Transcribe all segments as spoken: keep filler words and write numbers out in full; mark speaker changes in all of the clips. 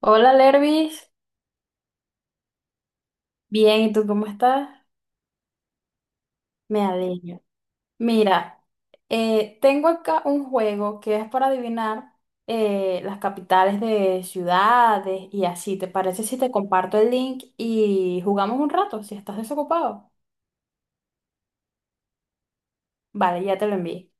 Speaker 1: Hola, Lervis. Bien, ¿y tú cómo estás? Me alegro. Mira, eh, tengo acá un juego que es para adivinar eh, las capitales de ciudades y así. ¿Te parece si te comparto el link y jugamos un rato si estás desocupado? Vale, ya te lo envié.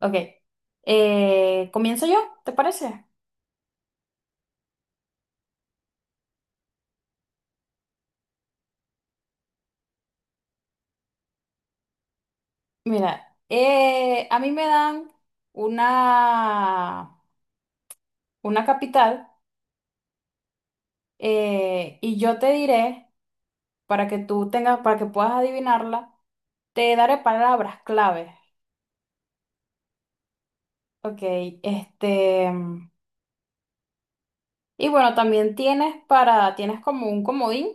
Speaker 1: Ok. Eh, ¿comienzo yo? ¿Te parece? Mira, eh, a mí me dan una, una capital eh, y yo te diré. Para que tú tengas, para que puedas adivinarla, te daré palabras claves. Ok, este, mm, y bueno, también tienes para, tienes como un comodín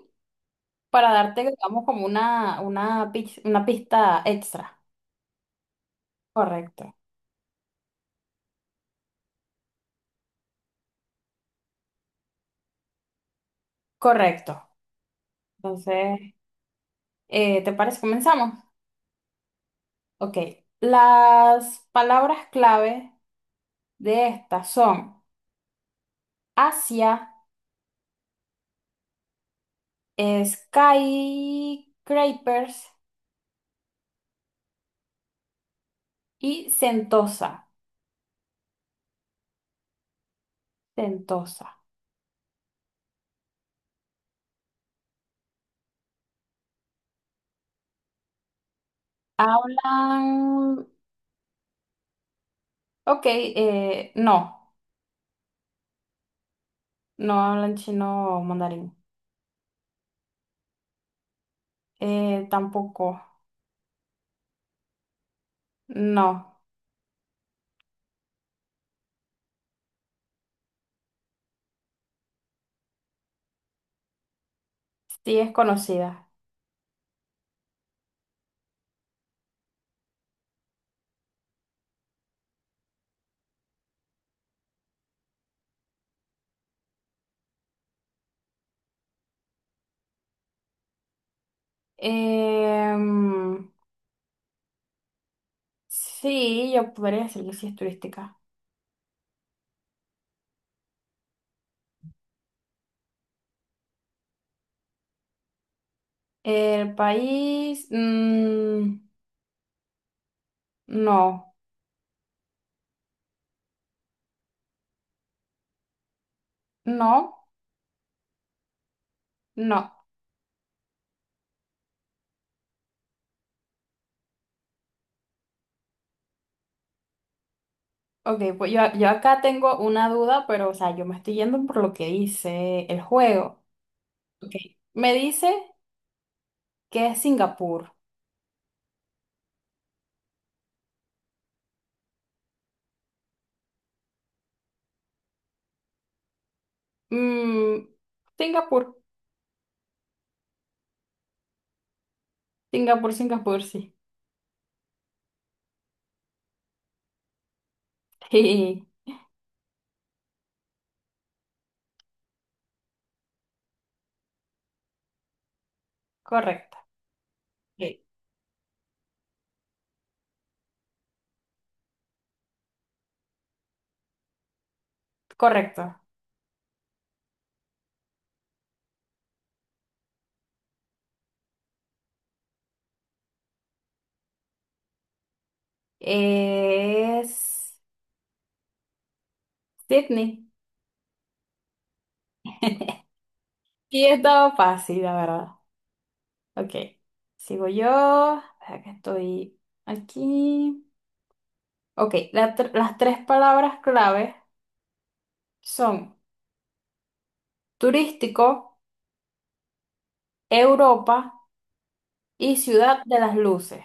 Speaker 1: para darte, digamos, como una, una, pis- una pista extra. Correcto. Correcto. Entonces, eh, ¿te parece? Comenzamos. Ok. Las palabras clave de estas son Asia, skyscrapers y Sentosa. Sentosa. Hablan, ok, eh, no, no hablan chino o mandarín. Eh, tampoco, no, sí es conocida. Em, sí, yo podría decir que sí es turística. El país, mm, no, no, no. Ok, pues yo, yo acá tengo una duda, pero o sea, yo me estoy yendo por lo que dice el juego. Ok, me dice que es Singapur. Mm, Singapur. Singapur, Singapur, sí. Sí, correcto. Ok. Correcto. Es Sydney. Sí, estaba fácil, la verdad. Ok. Sigo yo. Espera que estoy aquí. Ok, la tr- las tres palabras clave son turístico, Europa y ciudad de las luces.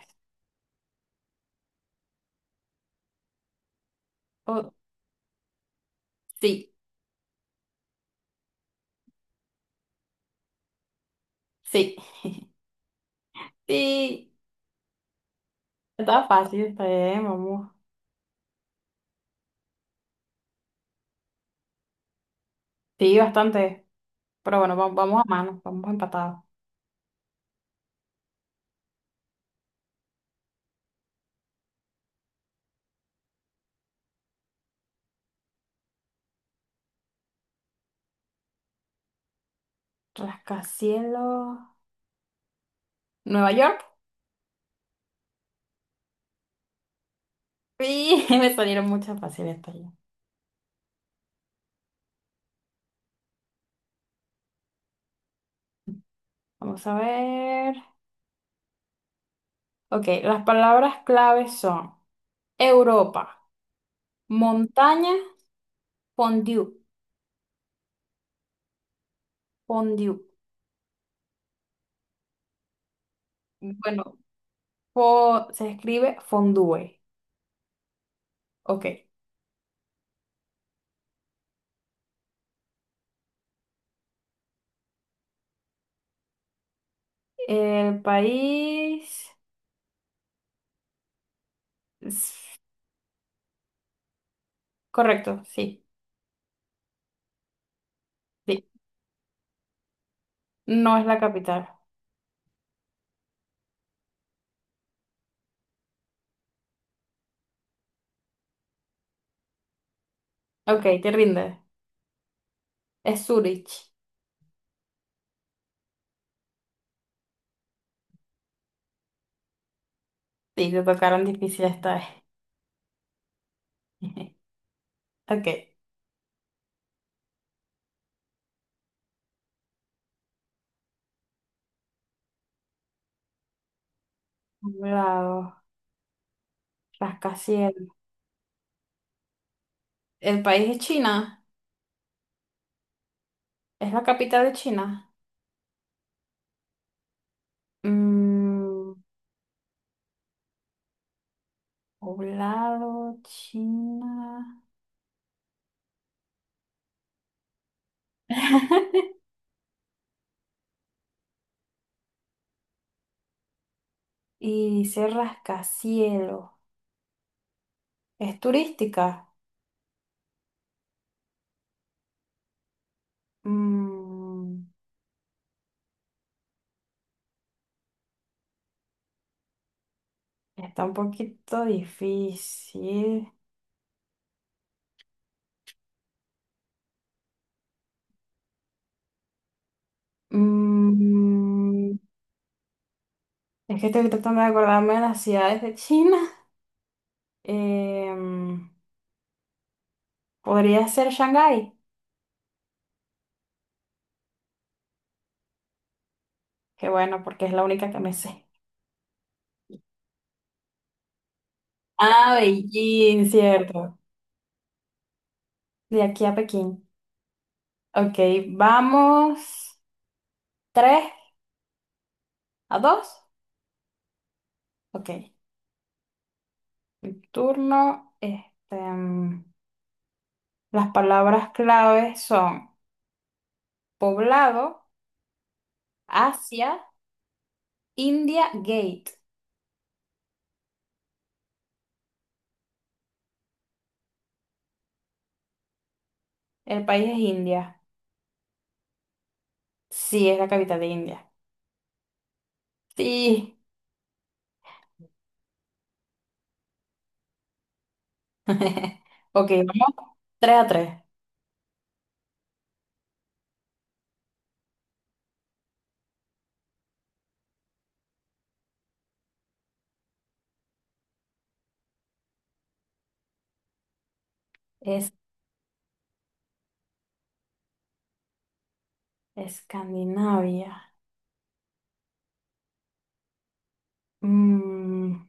Speaker 1: Oh, sí, sí, sí. Estaba fácil, está bien, vamos. Sí, bastante. Pero bueno, va- vamos a mano, vamos empatados. Rascacielos. Nueva York. Sí, me salieron muchas fáciles también. Vamos a ver. Ok, las palabras claves son Europa, montaña, fondue, fondue. Bueno, fo- se escribe fondue. Ok. El país. Es... Correcto, sí, sí. No es la capital. Ok, te rindes. Es Zurich. Sí, te tocaron difíciles esta vez. Ok. Lado, el país es China, es la capital de China. Mm, poblado China. Y dice rascacielos. Es turística. Mm, está un poquito difícil. Mm, es que estoy tratando de acordarme de las ciudades de China. Em, podría ser Shanghái. Que bueno, porque es la única que me sé. Ah, Beijing, cierto. De aquí a Pekín. Ok, vamos. ¿Tres a dos? Ok. Mi turno. Este, mm, las palabras claves son poblado, Asia, India, Gate. El país es India. Sí, es la capital de India. Sí. Ok, vamos. Tres a tres. Es Escandinavia. Mm,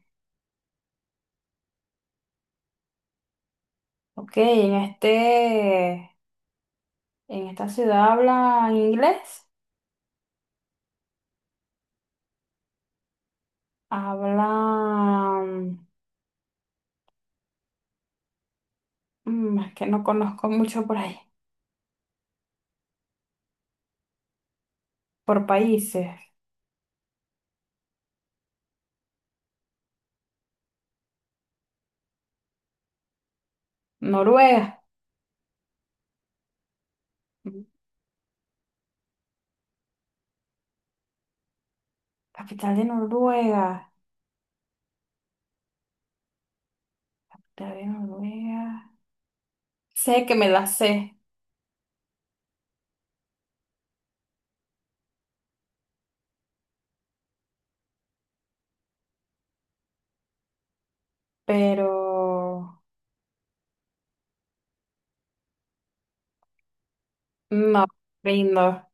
Speaker 1: ok, en este, en esta ciudad hablan inglés. Hablan. Mm, es que no conozco mucho por ahí, por países. Noruega, mm, capital de Noruega, capital de Noruega. Sé que me la sé, pero no, rindo.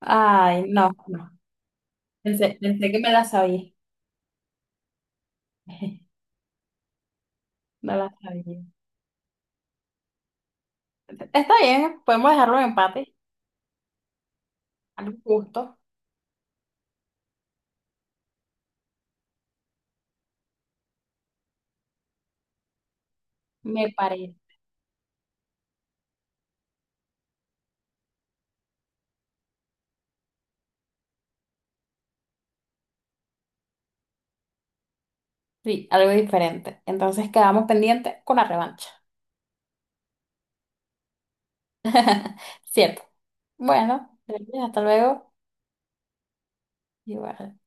Speaker 1: Ay, no, no. Pensé, pensé que me la sabía. No la sabía. Está bien, podemos dejarlo en empate, algo justo, me parece. Sí, algo diferente. Entonces quedamos pendientes con la revancha. Cierto. Bueno, gracias, hasta luego. Igual.